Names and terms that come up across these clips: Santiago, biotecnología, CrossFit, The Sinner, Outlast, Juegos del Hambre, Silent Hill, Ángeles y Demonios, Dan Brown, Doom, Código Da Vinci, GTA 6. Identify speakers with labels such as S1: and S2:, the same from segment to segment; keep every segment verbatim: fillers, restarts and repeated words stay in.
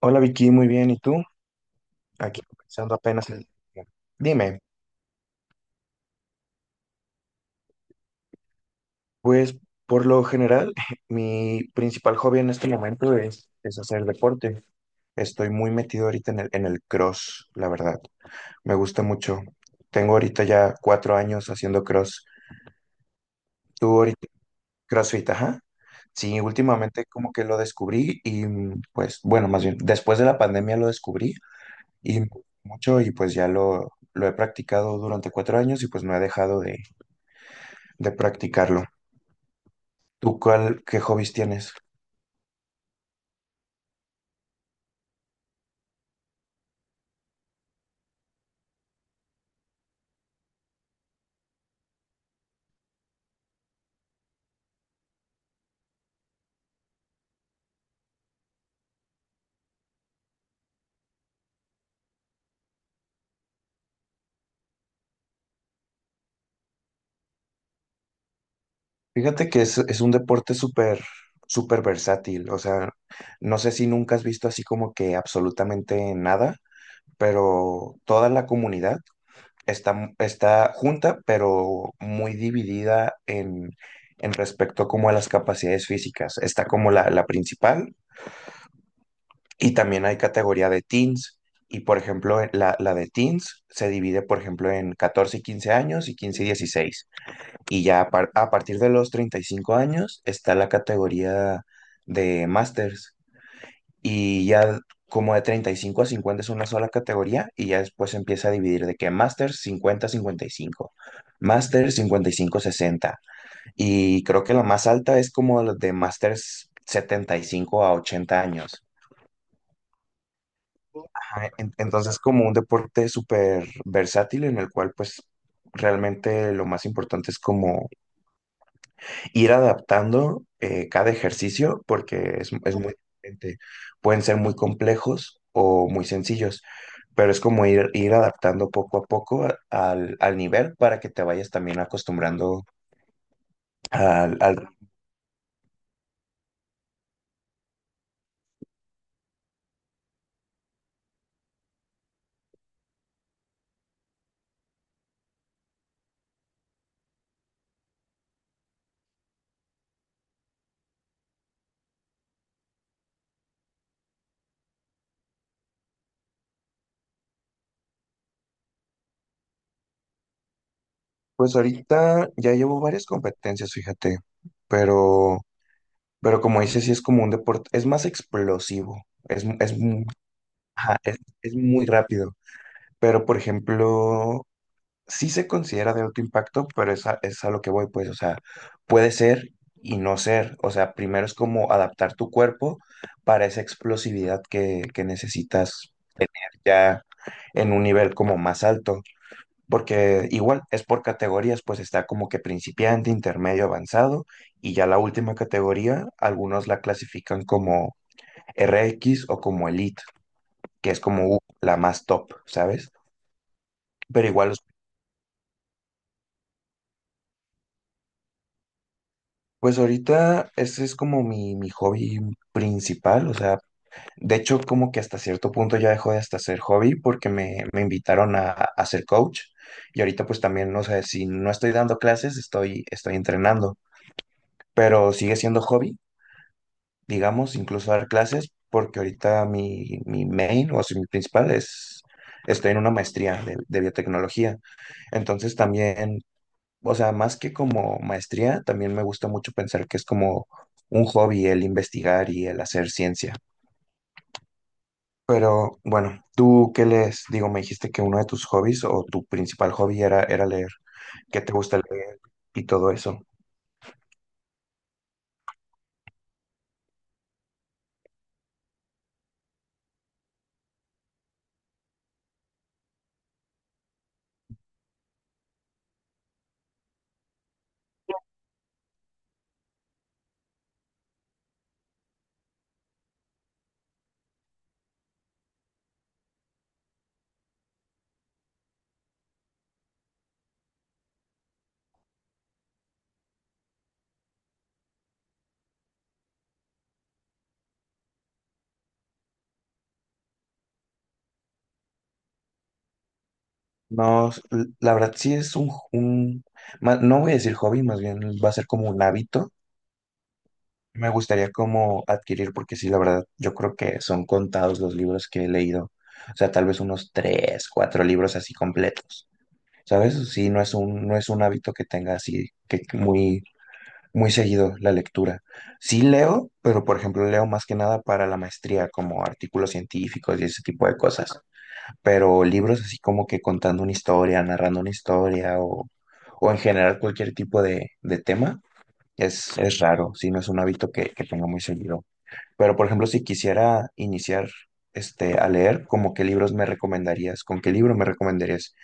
S1: Hola Vicky, muy bien. ¿Y tú? Aquí comenzando apenas el día. Dime, pues por lo general, mi principal hobby en este momento es, es hacer deporte. Estoy muy metido ahorita en el, en el cross, la verdad. Me gusta mucho. Tengo ahorita ya cuatro años haciendo cross. ¿Tú ahorita CrossFit, ajá? Sí, últimamente como que lo descubrí y mm, pues bueno, más bien después de la pandemia lo descubrí y me gustó mucho y pues ya lo, lo he practicado durante cuatro años y pues no he dejado de practicarlo. ¿Tú cuál, qué hobbies tienes? Fíjate que es, es un deporte súper, súper versátil. O sea, no sé si nunca has visto así como que absolutamente nada, pero toda la comunidad está, está junta, pero muy dividida en, en respecto como a las capacidades físicas. Está como la, la principal y también hay categoría de teens. Y por ejemplo, la, la de teens se divide, por ejemplo, en catorce y quince años y quince y dieciséis. Y ya a, par- a partir de los treinta y cinco años está la categoría de Masters. Y ya como de treinta y cinco a cincuenta es una sola categoría y ya después se empieza a dividir de que Masters cincuenta cincuenta y cinco, Masters cincuenta y cinco sesenta. Y creo que la más alta es como la de Masters setenta y cinco a ochenta años. Ajá, en- Entonces como un deporte súper versátil en el cual pues realmente lo más importante es como ir adaptando eh, cada ejercicio porque es, es muy diferente. Pueden ser muy complejos o muy sencillos, pero es como ir, ir adaptando poco a poco a- al, al nivel para que te vayas también acostumbrando al, al- Pues ahorita ya llevo varias competencias, fíjate, pero, pero como dices, sí es como un deporte, es más explosivo, es, es, mu- ajá, es es muy rápido. Pero, por ejemplo, sí se considera de alto impacto, pero es a, es a lo que voy, pues, o sea, puede ser y no ser. O sea, primero es como adaptar tu cuerpo para esa explosividad que, que necesitas ya en un nivel como más alto. Porque igual es por categorías, pues está como que principiante, intermedio, avanzado, y ya la última categoría, algunos la clasifican como R X o como Elite, que es como uh, la más top, ¿sabes? Pero igual. Pues ahorita ese es como mi, mi hobby principal, o sea, de hecho como que hasta cierto punto ya dejó de hasta ser hobby porque me, me invitaron a, a ser coach y ahorita pues también, o sea, si no estoy dando clases, estoy, estoy entrenando, pero sigue siendo hobby, digamos, incluso dar clases porque ahorita mi, mi main, o sea, mi principal es, estoy en una maestría de, de biotecnología, entonces también, o sea, más que como maestría, también me gusta mucho pensar que es como un hobby el investigar y el hacer ciencia. Pero bueno, ¿tú qué lees? Digo, me dijiste que uno de tus hobbies o tu principal hobby era, era leer. ¿Qué te gusta leer y todo eso? No, s- l- la verdad sí es un, un- ma- no voy a decir hobby, más bien va a ser como un hábito. Me gustaría como adquirir, porque sí, la verdad, yo creo que son contados los libros que he leído. O sea, tal vez unos tres, cuatro libros así completos. ¿Sabes? Sí, no es un, no es un hábito que tenga así, que muy, muy seguido la lectura. Sí leo, pero por ejemplo leo más que nada para la maestría, como artículos científicos y ese tipo de cosas. Pero libros así como que contando una historia, narrando una historia o, o en general cualquier tipo de, de tema, es, es raro, sí, no es un hábito que, que tenga muy seguido. Pero por ejemplo, si quisiera iniciar este, a leer, ¿como qué libros me recomendarías? ¿Con qué libro me recomendarías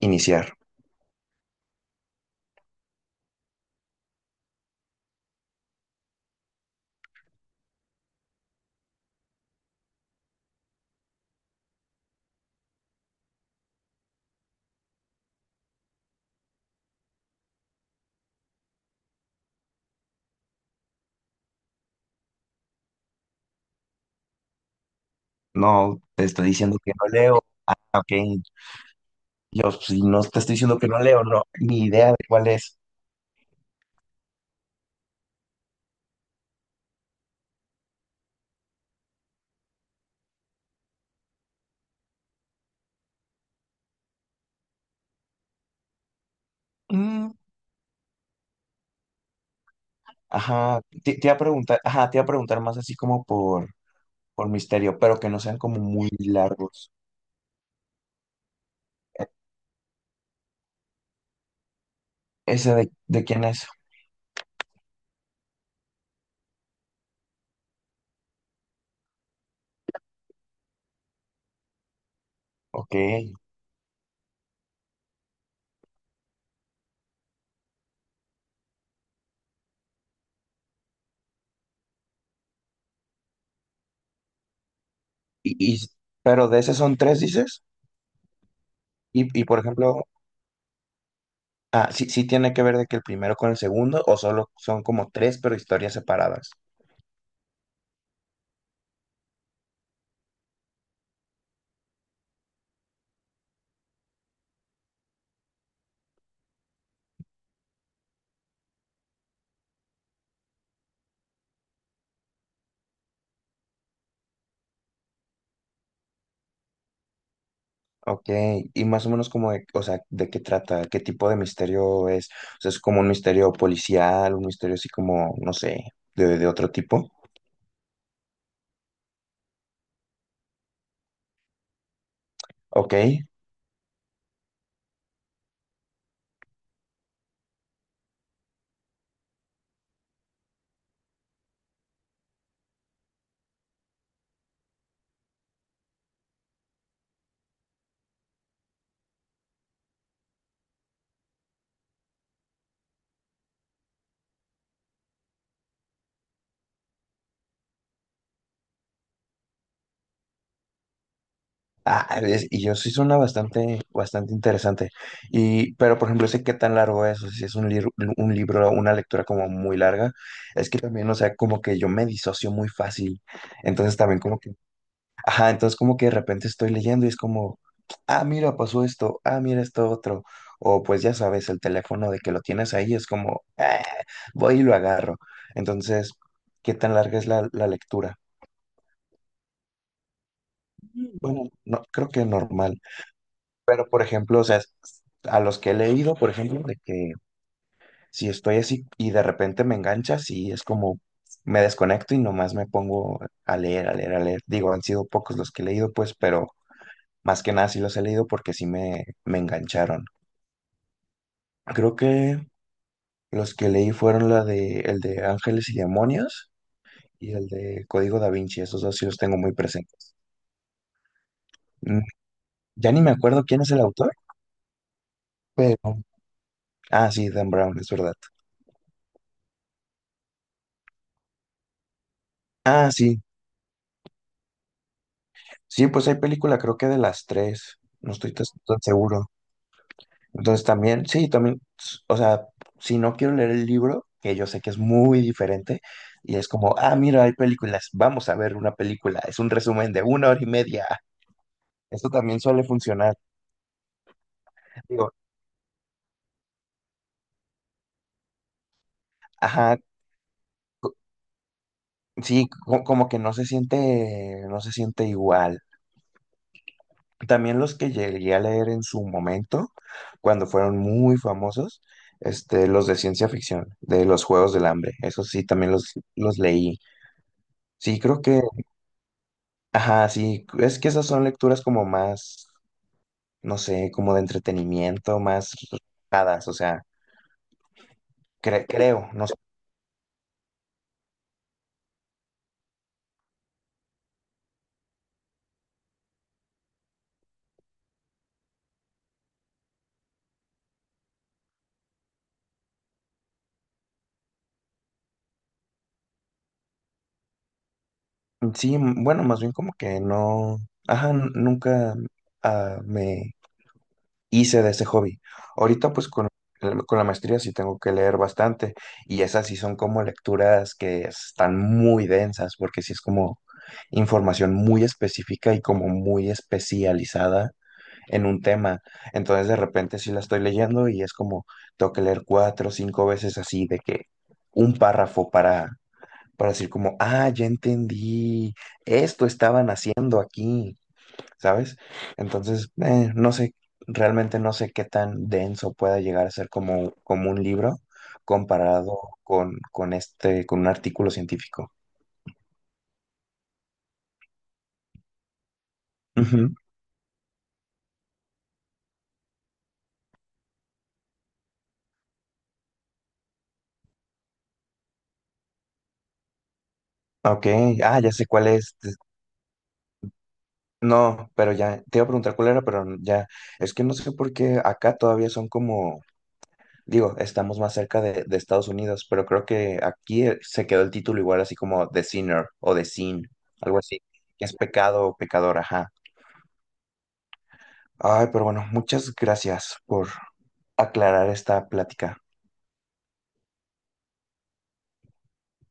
S1: iniciar? No, te estoy diciendo que no leo. Ah, ok. Yo, pues, si no te estoy diciendo que no leo, no, ni idea de cuál es. Mm, ajá, te, te iba a preguntar, ajá, te iba a preguntar más así como por, por misterio, pero que no sean como muy largos. ¿Ese de, de quién es? Ok. Y, y- pero de ese son tres, dices. Y, y por ejemplo, ah, sí, sí tiene que ver de que el primero con el segundo, o solo son como tres, pero historias separadas. Ok, y más o menos como de, o sea, ¿de qué trata? ¿Qué tipo de misterio es? O sea, ¿es como un misterio policial, un misterio así como, no sé, de, de otro tipo? Ok. Ah, es- y yo sí suena bastante, bastante interesante. Y, pero por ejemplo, sé qué tan largo es, o sea, si es un, libro, un libro, una lectura como muy larga, es que también, o sea, como que yo me disocio muy fácil. Entonces también, como ajá, entonces como que de repente estoy leyendo y es como, ah, mira, pasó esto, ah, mira esto otro. O pues ya sabes, el teléfono de que lo tienes ahí es como, "Ah, voy y lo agarro. Entonces, ¿qué tan larga es la, la lectura? Bueno, no, creo que normal. Pero, por ejemplo, o sea, es- a los que he leído, por ejemplo, de que si estoy así y de repente me engancha, sí, es como, me desconecto y nomás me pongo a leer, a leer, a leer. Digo, han sido pocos los que he leído, pues, pero más que nada sí los he leído porque sí me, me engancharon. Creo que los que leí fueron la de el de Ángeles y Demonios y el de Código Da Vinci. Esos dos sí los tengo muy presentes. Mm, ya ni me acuerdo quién es el autor, pero... Ah, sí, Dan Brown, es verdad. Ah, sí. Sí, pues hay película creo que de las tres. No estoy tan tan seguro. Entonces también, sí, también, o sea, si no quiero leer el libro, que yo sé que es muy diferente, y es como, ah, mira, hay películas, vamos a ver una película, es un resumen de una hora y media. Esto también suele funcionar. Digo, ajá, co- sí, co- como que no se siente, no se siente igual. También los que llegué a leer en su momento, cuando fueron muy famosos, este, los de ciencia ficción, de los Juegos del Hambre, eso sí, también los, los leí. Sí, creo que ajá, sí, es que esas son lecturas como más, no sé, como de entretenimiento, más relajadas, o sea, cre- creo, no sé. Sí, m- bueno, más bien como que no, ajá, n- nunca ah, me hice de ese hobby. Ahorita pues con, el- con la maestría sí tengo que leer bastante y esas sí son como lecturas que están muy densas porque sí es como información muy específica y como muy especializada en un tema. Entonces de repente sí la estoy leyendo y es como tengo que leer cuatro o cinco veces así de que un párrafo para, para decir como, ah, ya entendí, esto estaban haciendo aquí, ¿sabes? Entonces, eh, no sé, realmente no sé qué tan denso pueda llegar a ser como, como un libro comparado con, con este, con un artículo científico. Ujú. Ok, ah, ya sé cuál es. No, pero ya, te iba a preguntar cuál era, pero ya, es que no sé por qué acá todavía son como, digo, estamos más cerca de, de Estados Unidos, pero creo que aquí eh, se quedó el título igual así como The Sinner o The Sin, algo así, que es pecado o pecador, ajá. Ay, pero bueno, muchas gracias por aclarar esta plática.